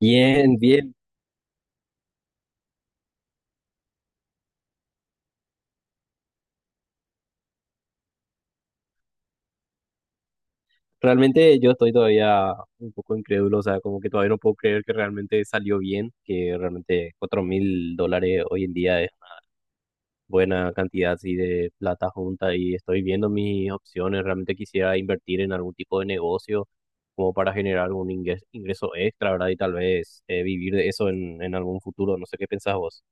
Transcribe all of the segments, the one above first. Bien, bien. Realmente yo estoy todavía un poco incrédulo, o sea, como que todavía no puedo creer que realmente salió bien, que realmente $4.000 hoy en día es una buena cantidad así de plata junta y estoy viendo mis opciones. Realmente quisiera invertir en algún tipo de negocio como para generar algún ingreso extra, ¿verdad? Y tal vez vivir de eso en algún futuro. No sé qué pensás vos.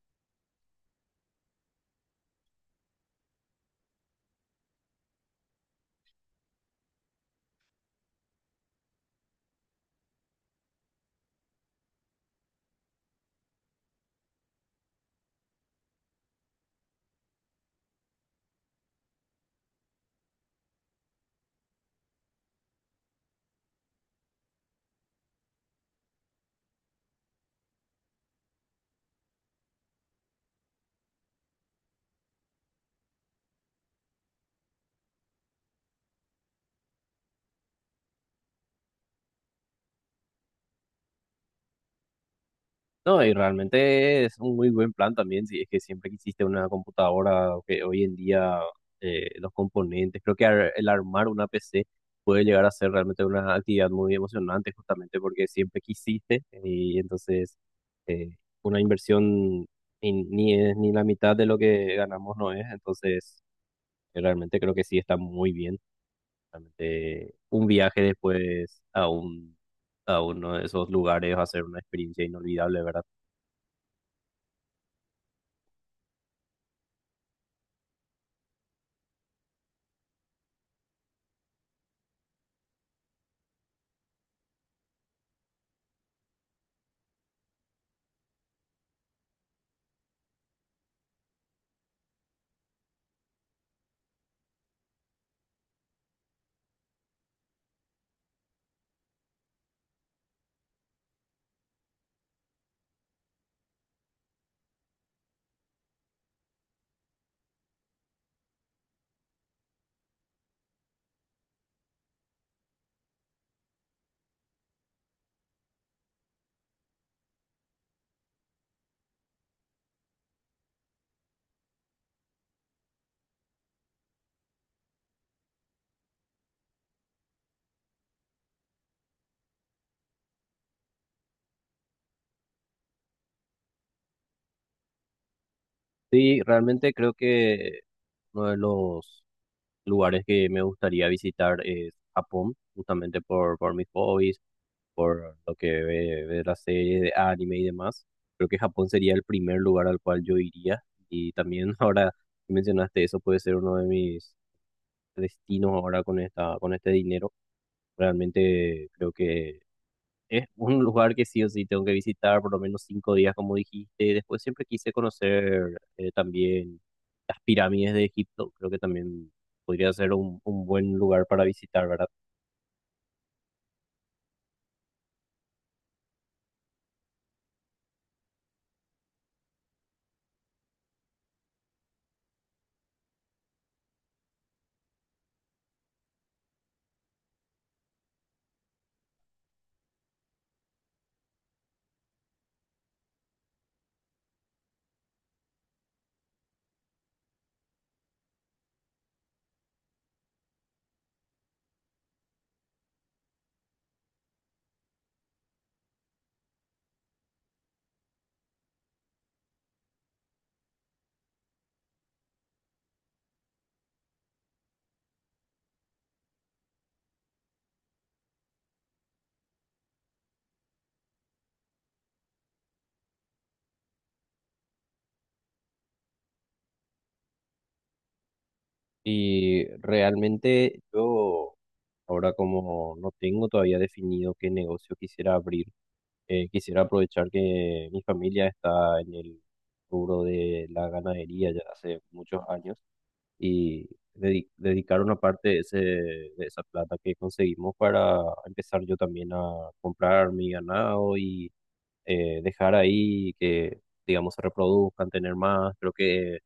No, y realmente es un muy buen plan también, si es que siempre quisiste una computadora, o que hoy en día los componentes, creo que el armar una PC puede llegar a ser realmente una actividad muy emocionante, justamente porque siempre quisiste. Y entonces eh, una inversión ni es ni la mitad de lo que ganamos, no es. Entonces realmente creo que sí, está muy bien. Realmente un viaje después a a uno de esos lugares va a ser una experiencia inolvidable, ¿verdad? Sí, realmente creo que uno de los lugares que me gustaría visitar es Japón, justamente por mis hobbies, por lo que ve las series de anime y demás. Creo que Japón sería el primer lugar al cual yo iría. Y también ahora que mencionaste eso, puede ser uno de mis destinos ahora con con este dinero. Realmente creo que es un lugar que sí o sí tengo que visitar por lo menos 5 días, como dijiste. Después siempre quise conocer también las pirámides de Egipto. Creo que también podría ser un buen lugar para visitar, ¿verdad? Y realmente yo, ahora como no tengo todavía definido qué negocio quisiera abrir, quisiera aprovechar que mi familia está en el rubro de la ganadería ya hace muchos años, y dedicar una parte de ese, de esa plata que conseguimos para empezar yo también a comprar mi ganado, y dejar ahí que, digamos, se reproduzcan, tener más. Creo que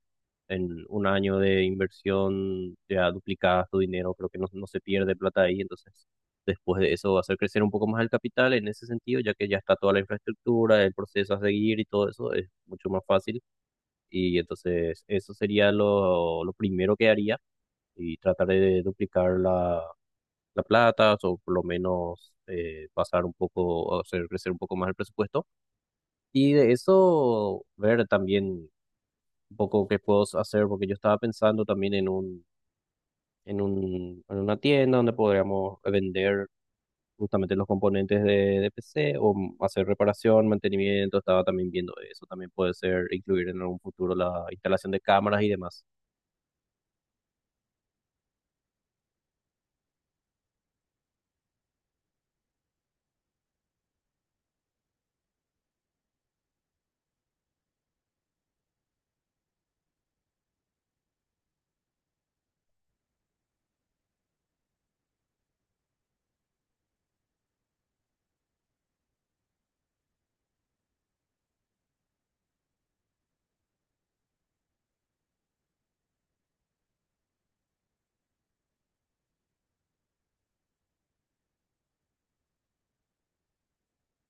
en un año de inversión ya duplicas tu dinero. Creo que no, no se pierde plata ahí, entonces... Después de eso, hacer crecer un poco más el capital en ese sentido, ya que ya está toda la infraestructura, el proceso a seguir y todo eso es mucho más fácil. Y entonces eso sería lo primero que haría, y trataré de duplicar la plata, o por lo menos pasar un poco, o hacer crecer un poco más el presupuesto. Y de eso ver también un poco qué puedo hacer, porque yo estaba pensando también en en una tienda donde podríamos vender justamente los componentes de PC, o hacer reparación, mantenimiento. Estaba también viendo eso, también puede ser incluir en algún futuro la instalación de cámaras y demás.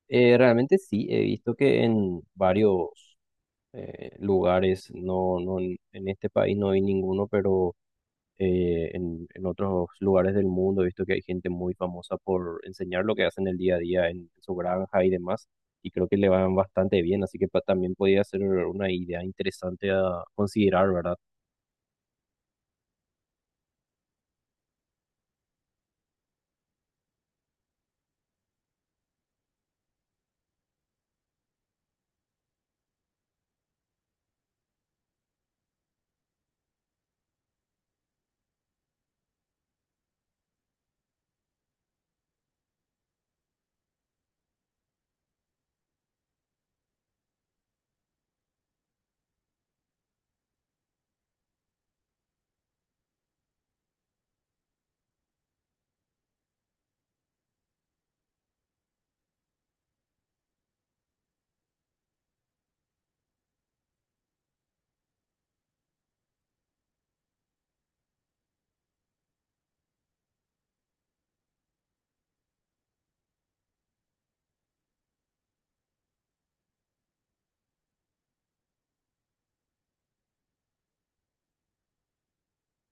Realmente sí, he visto que en varios lugares. No, no, en este país no hay ninguno, pero en otros lugares del mundo he visto que hay gente muy famosa por enseñar lo que hacen el día a día en su granja y demás. Y creo que le van bastante bien, así que también podría ser una idea interesante a considerar, ¿verdad?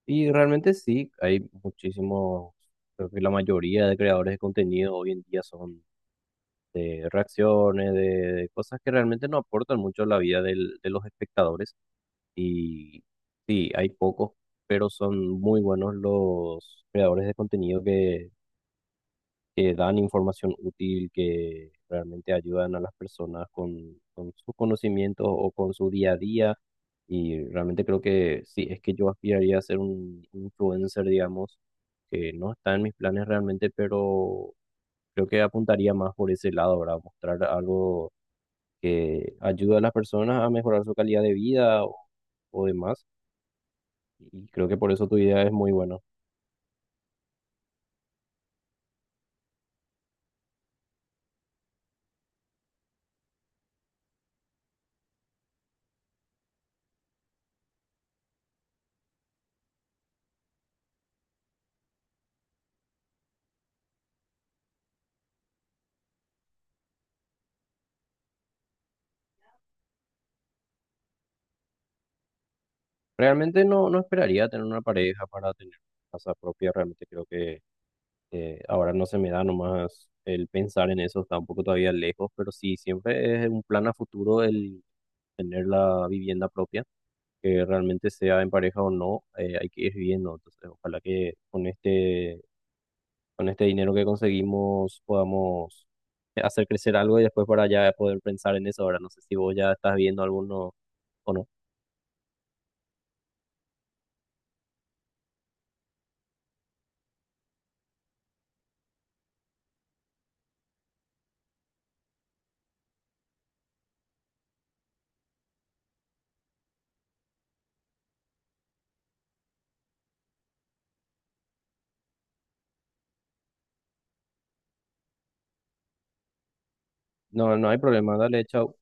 Y realmente sí, hay muchísimos, creo que la mayoría de creadores de contenido hoy en día son de reacciones, de cosas que realmente no aportan mucho a la vida del, de los espectadores. Y sí, hay pocos, pero son muy buenos los creadores de contenido que dan información útil, que realmente ayudan a las personas con sus conocimientos o con su día a día. Y realmente creo que sí, es que yo aspiraría a ser un influencer, digamos, que no está en mis planes realmente, pero creo que apuntaría más por ese lado, ¿verdad? Mostrar algo que ayude a las personas a mejorar su calidad de vida, o demás. Y creo que por eso tu idea es muy buena. Realmente no, no esperaría tener una pareja para tener casa propia. Realmente creo que ahora no se me da nomás el pensar en eso. Está un poco todavía lejos, pero sí, siempre es un plan a futuro el tener la vivienda propia, que realmente sea en pareja o no. Eh, hay que ir viviendo. Entonces, ojalá que con con este dinero que conseguimos podamos hacer crecer algo y después para ya poder pensar en eso. Ahora no sé si vos ya estás viendo alguno o no. No, no hay problema. Dale, chao.